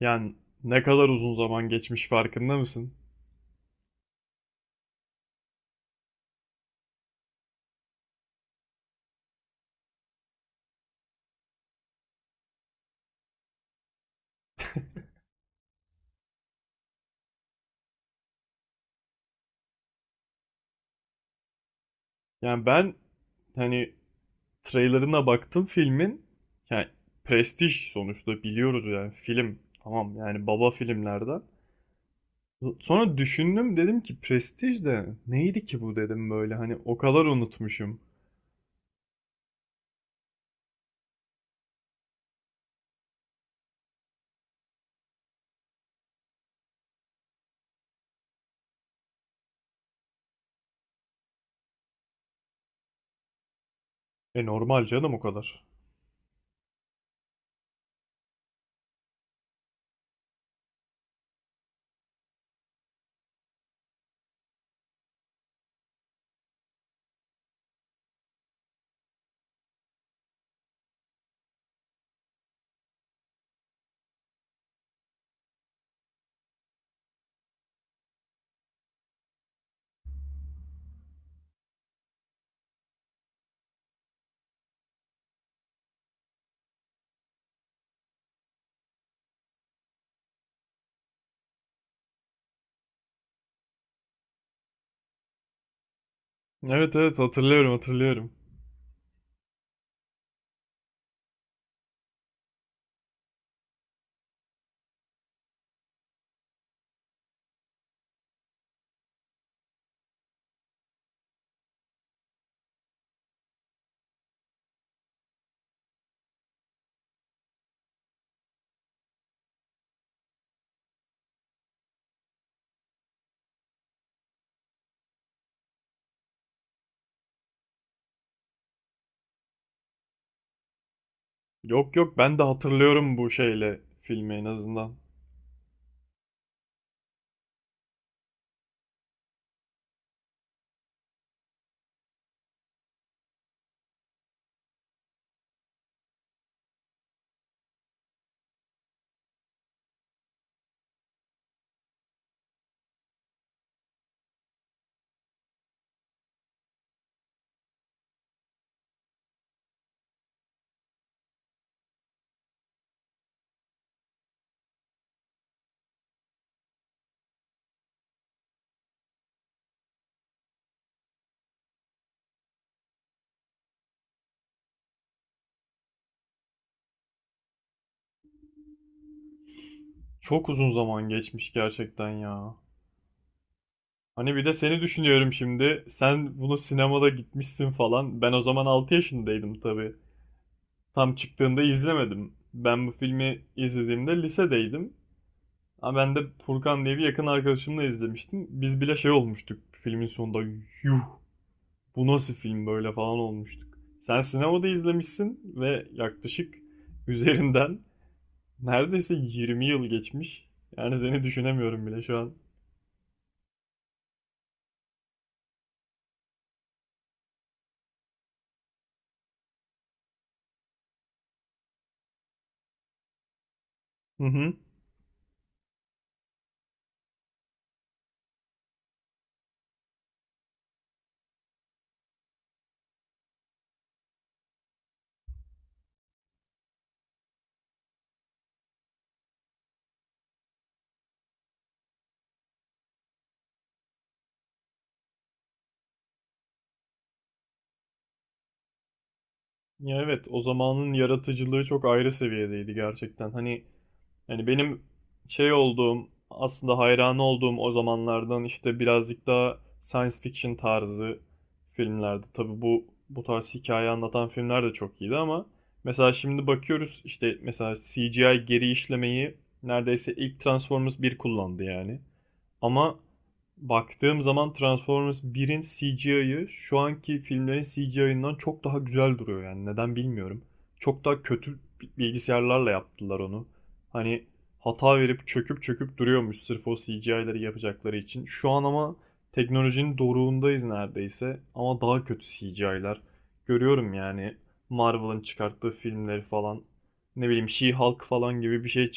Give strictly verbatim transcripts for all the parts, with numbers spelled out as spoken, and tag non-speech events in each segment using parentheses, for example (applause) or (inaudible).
Yani Ne kadar uzun zaman geçmiş farkında mısın? Yani ben hani Trailerına baktım filmin. Yani Prestij sonuçta biliyoruz yani film. Tamam, yani baba filmlerden. Sonra düşündüm, dedim ki prestij de neydi ki bu, dedim böyle, hani o kadar unutmuşum. E normal canım o kadar. Evet, evet, hatırlıyorum, hatırlıyorum. Yok, yok, ben de hatırlıyorum bu şeyle filmi en azından. Çok uzun zaman geçmiş gerçekten ya. Hani bir de seni düşünüyorum şimdi. Sen bunu sinemada gitmişsin falan. Ben o zaman altı yaşındaydım tabii. Tam çıktığında izlemedim. Ben bu filmi izlediğimde lisedeydim. Ama ben de Furkan diye bir yakın arkadaşımla izlemiştim. Biz bile şey olmuştuk filmin sonunda. Yuh, bu nasıl film böyle falan olmuştuk. Sen sinemada izlemişsin ve yaklaşık üzerinden neredeyse yirmi yıl geçmiş. Yani seni düşünemiyorum bile şu an. Hı hı. Ya evet, o zamanın yaratıcılığı çok ayrı seviyedeydi gerçekten. Hani hani benim şey olduğum, aslında hayran olduğum o zamanlardan işte birazcık daha science fiction tarzı filmlerdi. Tabii bu bu tarz hikaye anlatan filmler de çok iyiydi ama mesela şimdi bakıyoruz işte, mesela C G I geri işlemeyi neredeyse ilk Transformers bir kullandı yani. Ama baktığım zaman Transformers birin C G I'ı şu anki filmlerin C G I'ından çok daha güzel duruyor yani, neden bilmiyorum. Çok daha kötü bilgisayarlarla yaptılar onu. Hani hata verip çöküp çöküp duruyormuş sırf o C G I'leri yapacakları için. Şu an ama teknolojinin doruğundayız neredeyse, ama daha kötü C G I'lar. Görüyorum yani Marvel'ın çıkarttığı filmleri falan, ne bileyim She-Hulk falan gibi bir şey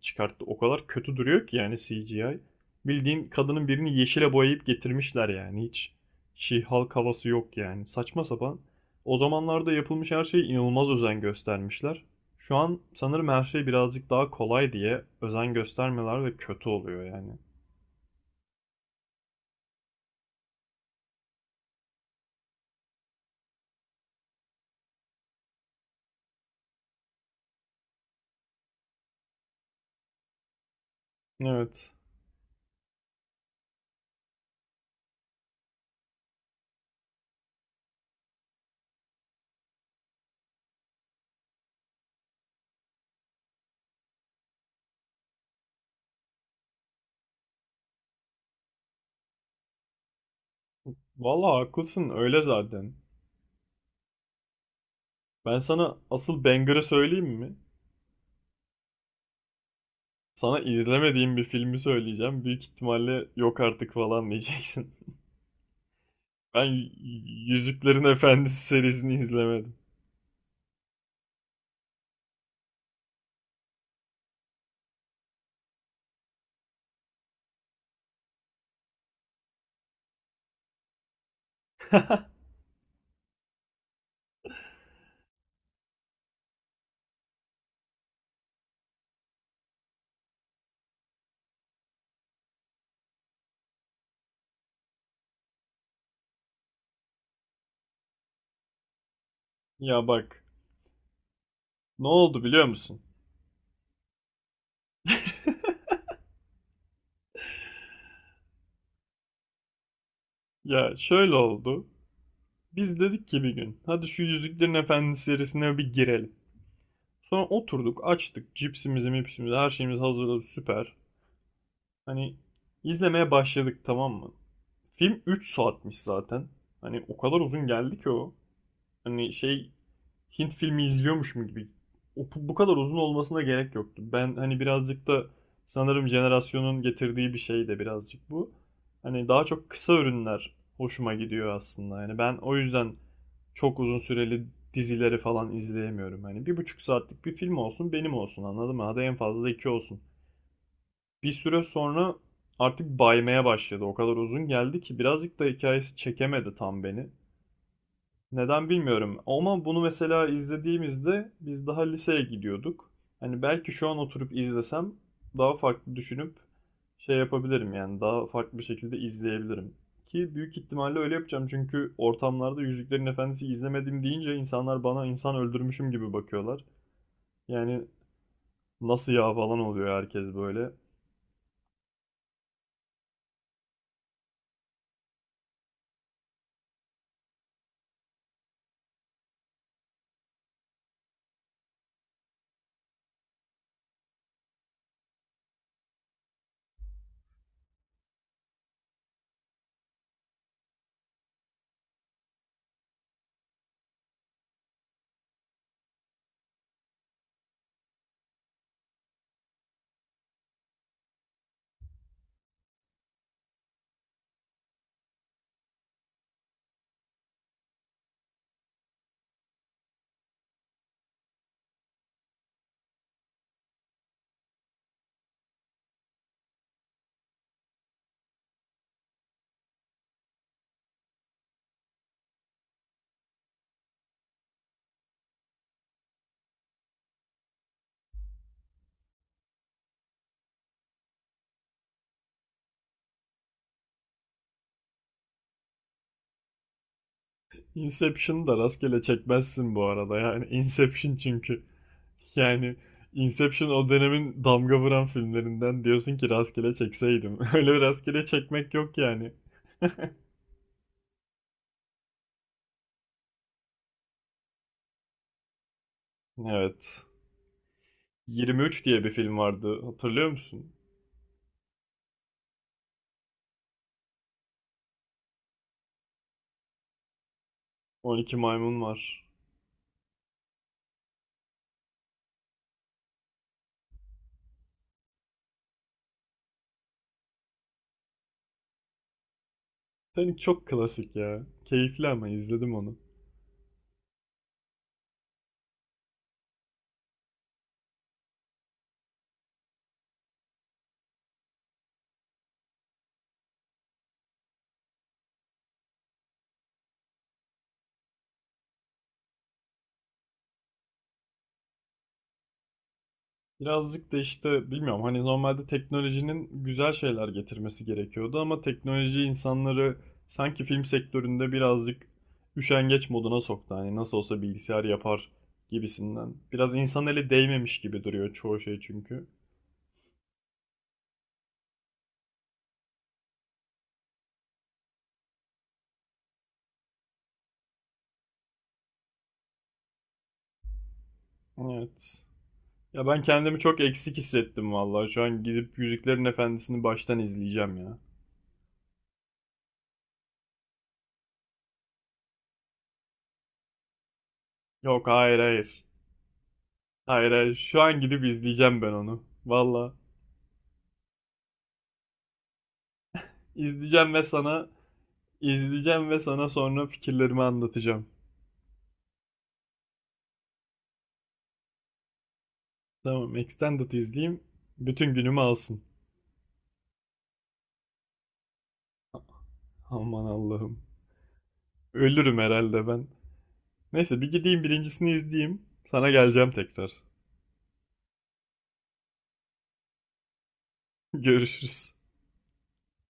çıkarttı. O kadar kötü duruyor ki yani C G I. Bildiğin kadının birini yeşile boyayıp getirmişler yani. Hiç She-Hulk havası yok yani. Saçma sapan. O zamanlarda yapılmış her şeye inanılmaz özen göstermişler. Şu an sanırım her şey birazcık daha kolay diye özen göstermeler, ve kötü oluyor yani. Evet. Vallahi haklısın, öyle zaten. Ben sana asıl banger'ı söyleyeyim mi? Sana izlemediğim bir filmi söyleyeceğim. Büyük ihtimalle yok artık falan diyeceksin. (laughs) Ben Yüzüklerin Efendisi serisini izlemedim. Ya bak. Ne oldu biliyor musun? Ya şöyle oldu. Biz dedik ki bir gün hadi şu Yüzüklerin Efendisi serisine bir girelim. Sonra oturduk, açtık cipsimizi mipsimizi, her şeyimiz hazırladı, süper. Hani izlemeye başladık, tamam mı? Film üç saatmiş zaten. Hani o kadar uzun geldi ki o. hani şey Hint filmi izliyormuşum gibi. O, bu kadar uzun olmasına gerek yoktu. Ben hani birazcık da sanırım jenerasyonun getirdiği bir şey de birazcık bu. Hani daha çok kısa ürünler hoşuma gidiyor aslında. Yani ben o yüzden çok uzun süreli dizileri falan izleyemiyorum. Hani bir buçuk saatlik bir film olsun benim, olsun, anladın mı? Hadi en fazla iki olsun. Bir süre sonra artık baymaya başladı. O kadar uzun geldi ki, birazcık da hikayesi çekemedi tam beni. Neden bilmiyorum. Ama bunu mesela izlediğimizde biz daha liseye gidiyorduk. Hani belki şu an oturup izlesem daha farklı düşünüp şey yapabilirim, yani daha farklı bir şekilde izleyebilirim. Ki büyük ihtimalle öyle yapacağım, çünkü ortamlarda Yüzüklerin Efendisi izlemedim deyince insanlar bana insan öldürmüşüm gibi bakıyorlar. Yani nasıl ya falan oluyor herkes böyle. Inception'ı da rastgele çekmezsin bu arada, yani Inception çünkü. Yani Inception o dönemin damga vuran filmlerinden, diyorsun ki rastgele çekseydim. (laughs) Öyle bir rastgele çekmek yok yani. Evet. yirmi üç diye bir film vardı. Hatırlıyor musun? on iki Maymun var. Senin çok klasik ya. Keyifli ama izledim onu. Birazcık da işte bilmiyorum, hani normalde teknolojinin güzel şeyler getirmesi gerekiyordu, ama teknoloji insanları sanki film sektöründe birazcık üşengeç moduna soktu. Hani nasıl olsa bilgisayar yapar gibisinden. Biraz insan eli değmemiş gibi duruyor çoğu şey çünkü. Evet. Ya ben kendimi çok eksik hissettim vallahi. Şu an gidip Yüzüklerin Efendisi'ni baştan izleyeceğim ya. Yok, hayır, hayır. Hayır, hayır. Şu an gidip izleyeceğim ben onu. Valla. izleyeceğim ve sana İzleyeceğim ve sana sonra fikirlerimi anlatacağım. Tamam, Extended izleyeyim. Bütün günümü alsın. Aman Allah'ım. Ölürüm herhalde ben. Neyse bir gideyim birincisini izleyeyim. Sana geleceğim tekrar. (laughs) Görüşürüz.